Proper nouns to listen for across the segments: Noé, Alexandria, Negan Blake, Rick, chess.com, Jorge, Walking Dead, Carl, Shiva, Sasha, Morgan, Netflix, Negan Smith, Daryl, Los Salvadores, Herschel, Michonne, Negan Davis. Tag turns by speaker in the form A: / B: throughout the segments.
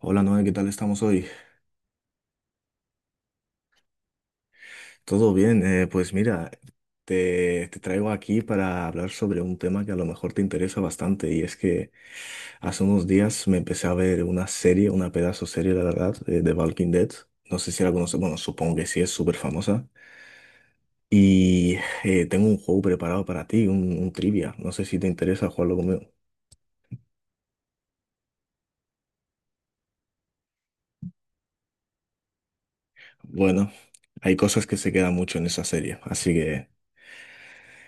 A: Hola Noé, ¿qué tal estamos hoy? ¿Todo bien? Pues mira, te traigo aquí para hablar sobre un tema que a lo mejor te interesa bastante y es que hace unos días me empecé a ver una serie, una pedazo serie, la verdad, de Walking Dead. No sé si la conoces, bueno, supongo que sí, es súper famosa. Y tengo un juego preparado para ti, un trivia. No sé si te interesa jugarlo conmigo. Bueno, hay cosas que se quedan mucho en esa serie, así que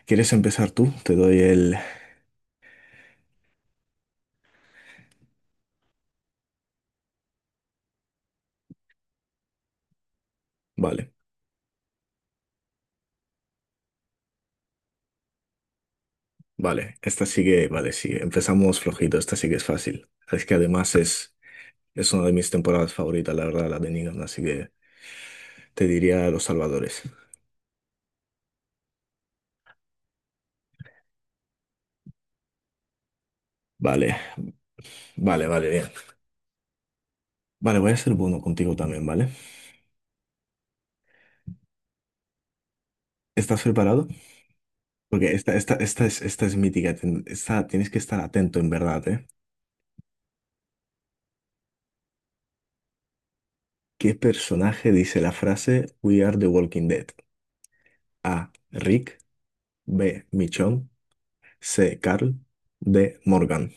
A: ¿quieres empezar tú? Te doy el... Vale. Vale, esta sigue vale, sí, empezamos flojito, esta sí que es fácil. Es que además es una de mis temporadas favoritas, la verdad, la de Negan, así que te diría Los Salvadores. Vale, vale, vale, bien. Vale, voy a ser bueno contigo también, ¿vale? ¿Estás preparado? Porque esta es, esta es mítica, tienes que estar atento en verdad, ¿eh? ¿Qué personaje dice la frase We are the Walking Dead? A. Rick, B. Michonne, C. Carl, D. Morgan.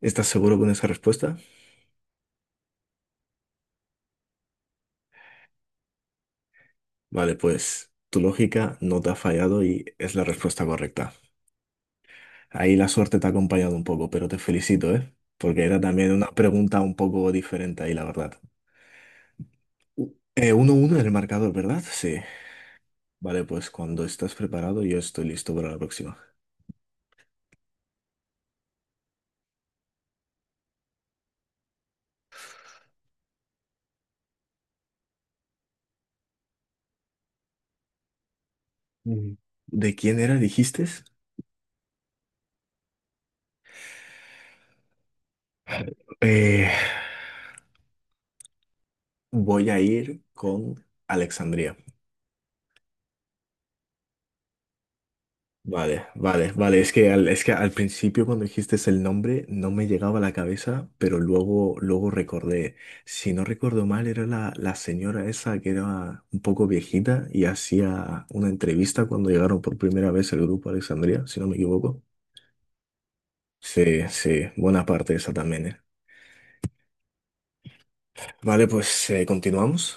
A: ¿Estás seguro con esa respuesta? Vale, pues tu lógica no te ha fallado y es la respuesta correcta. Ahí la suerte te ha acompañado un poco, pero te felicito, ¿eh? Porque era también una pregunta un poco diferente ahí, la verdad. 1-1 en el marcador, ¿verdad? Sí. Vale, pues cuando estás preparado, yo estoy listo para la próxima. Mm. ¿De quién era, dijiste? Eh, voy a ir con Alexandria. Vale, vale, vale. Es que al principio cuando dijiste el nombre no me llegaba a la cabeza, pero luego recordé. Si no recuerdo mal, era la señora esa que era un poco viejita y hacía una entrevista cuando llegaron por primera vez el grupo a Alexandria, si no me equivoco. Sí, sí, buena parte de esa también, ¿eh? Vale, pues continuamos.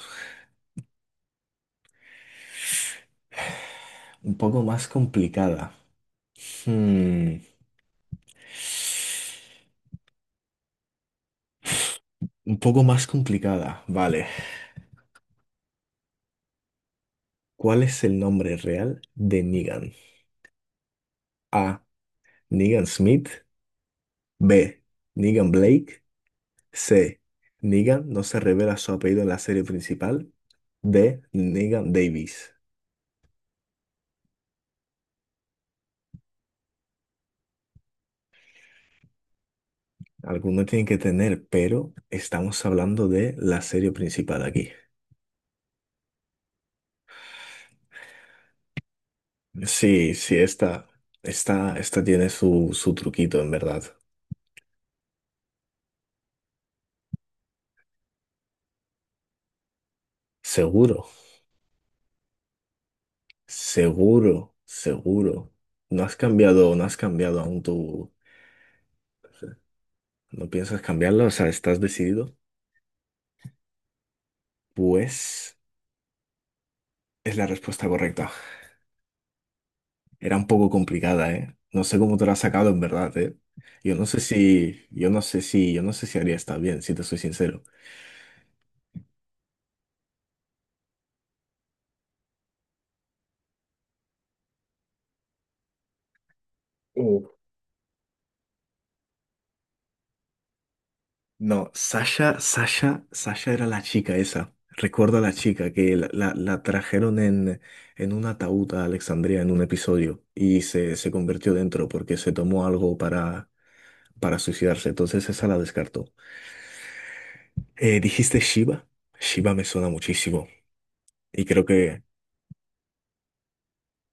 A: Un poco más complicada. Hmm, Un poco más complicada, vale. ¿Cuál es el nombre real de Negan? A. Negan Smith. B. Negan Blake. C. Negan no se revela su apellido en la serie principal. D. Negan Davis. Alguno tiene que tener, pero estamos hablando de la serie principal aquí. Sí, sí, esta tiene su truquito, en verdad. Seguro, seguro, seguro. No has cambiado, no has cambiado aún tú. ¿No piensas cambiarlo? O sea, ¿estás decidido? Pues es la respuesta correcta. Era un poco complicada, ¿eh? No sé cómo te la has sacado en verdad, ¿eh? Yo no sé si, yo no sé si, yo no sé si haría estar bien, si te soy sincero. Uf, no, Sasha era la chica esa. Recuerdo a la chica que la trajeron en, un ataúd a Alexandria en un episodio y se convirtió dentro porque se tomó algo para suicidarse. Entonces esa la descartó. ¿Dijiste Shiva? Shiva me suena muchísimo. Y creo que,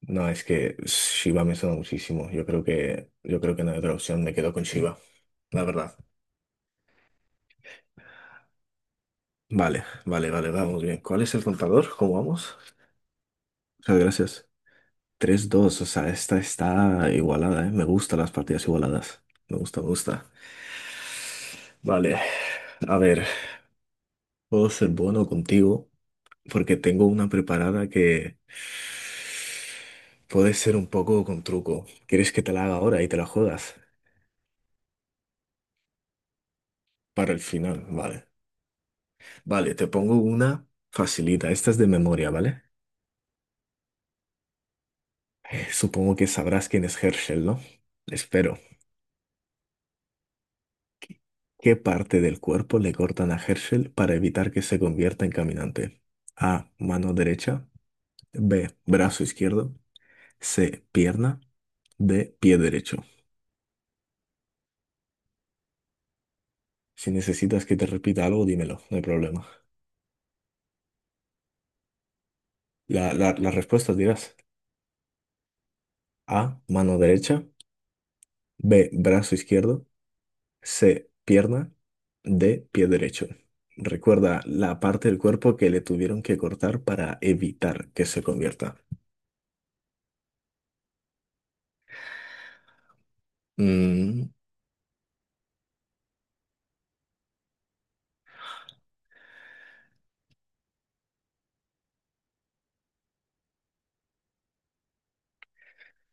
A: no, es que Shiva me suena muchísimo. Yo creo que no hay otra opción. Me quedo con Shiva, la verdad. Vale, vale, vale, vamos bien. ¿Cuál es el contador? ¿Cómo vamos? Muchas gracias. 3-2, o sea, esta está igualada, ¿eh? Me gustan las partidas igualadas. Me gusta, me gusta. Vale, a ver, puedo ser bueno contigo porque tengo una preparada que puede ser un poco con truco. ¿Quieres que te la haga ahora y te la juegas? Para el final, vale. Vale, te pongo una facilita. Esta es de memoria, ¿vale? Supongo que sabrás quién es Herschel, ¿no? Espero. ¿Qué parte del cuerpo le cortan a Herschel para evitar que se convierta en caminante? A. Mano derecha. B. Brazo izquierdo. C. Pierna. D. Pie derecho. Si necesitas que te repita algo, dímelo, no hay problema. Las respuestas dirás A, mano derecha, B, brazo izquierdo, C, pierna, D, pie derecho. Recuerda la parte del cuerpo que le tuvieron que cortar para evitar que se convierta. Mm,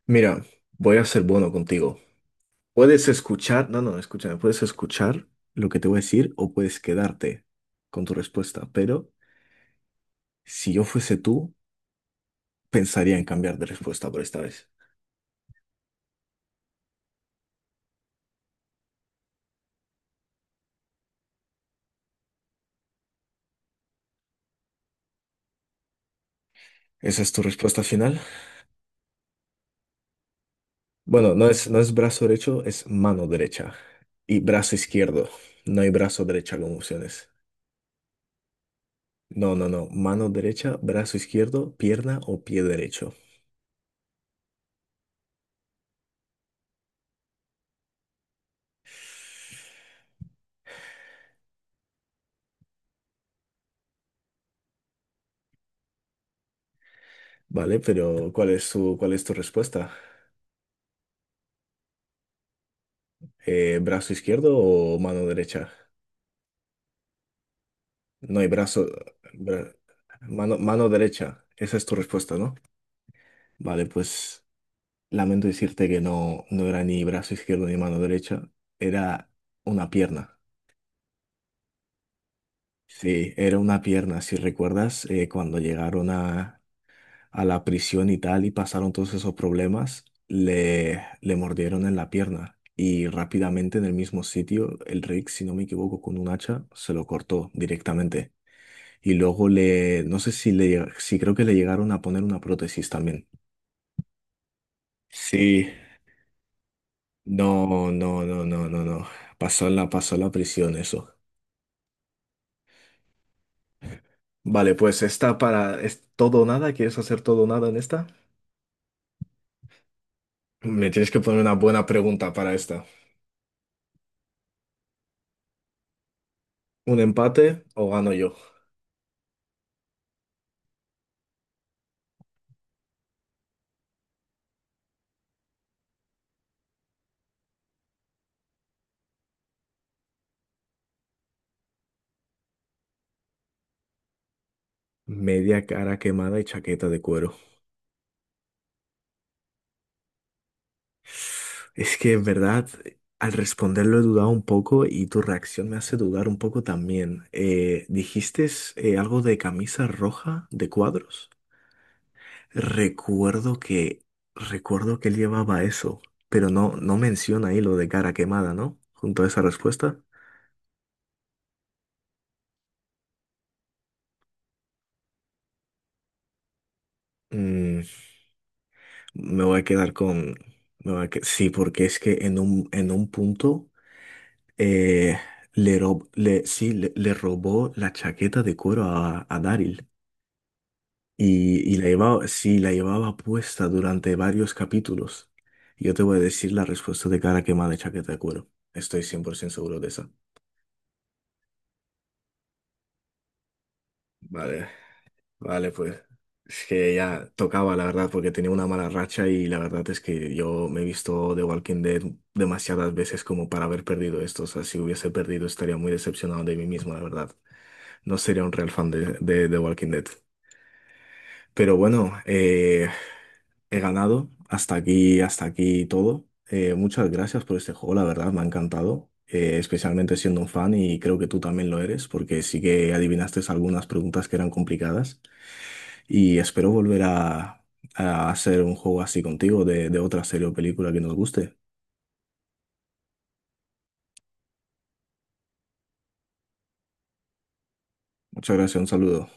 A: mira, voy a ser bueno contigo. Puedes escuchar, no, no, escúchame, puedes escuchar lo que te voy a decir o puedes quedarte con tu respuesta, pero si yo fuese tú, pensaría en cambiar de respuesta por esta vez. ¿Esa es tu respuesta final? Bueno, no es brazo derecho, es mano derecha y brazo izquierdo. No hay brazo derecha como opciones. No, no, no. Mano derecha, brazo izquierdo, pierna o pie derecho. Vale, pero ¿cuál es tu respuesta? ¿Brazo izquierdo o mano derecha? No hay brazo, bra- mano derecha. Esa es tu respuesta, ¿no? Vale, pues lamento decirte que no, no era ni brazo izquierdo ni mano derecha, era una pierna. Sí, era una pierna. Si recuerdas, cuando llegaron a, la prisión y tal y pasaron todos esos problemas, le mordieron en la pierna y rápidamente en el mismo sitio, el Rick, si no me equivoco, con un hacha se lo cortó directamente. Y luego le, no sé si le, llega- sí creo que le llegaron a poner una prótesis también. Sí, no, no, no, no, no, no. Pasó en la prisión eso. Vale, pues ¿es todo o nada? ¿Quieres hacer todo o nada en esta? Me tienes que poner una buena pregunta para esta. ¿Un empate o gano yo? Media cara quemada y chaqueta de cuero. Es que en verdad, al responderlo he dudado un poco y tu reacción me hace dudar un poco también. ¿Dijiste algo de camisa roja de cuadros? Recuerdo que, recuerdo que él llevaba eso, pero no menciona ahí lo de cara quemada, ¿no? Junto a esa respuesta. Mm, Me voy a quedar con. Me voy a que- sí, porque es que en un punto eh, le, rob- le, sí, le robó la chaqueta de cuero a Daryl y la llevaba, sí, la llevaba puesta durante varios capítulos. Yo te voy a decir la respuesta de cara quemada de chaqueta de cuero. Estoy 100% seguro de esa. Vale. Vale, pues es que ya tocaba, la verdad, porque tenía una mala racha y la verdad es que yo me he visto The Walking Dead demasiadas veces como para haber perdido esto. O sea, si hubiese perdido estaría muy decepcionado de mí mismo, la verdad. No sería un real fan de Walking Dead. Pero bueno, he ganado. Hasta aquí todo. Muchas gracias por este juego, la verdad, me ha encantado. Especialmente siendo un fan y creo que tú también lo eres, porque sí que adivinaste algunas preguntas que eran complicadas. Y espero volver a, hacer un juego así contigo de otra serie o película que nos guste. Muchas gracias, un saludo.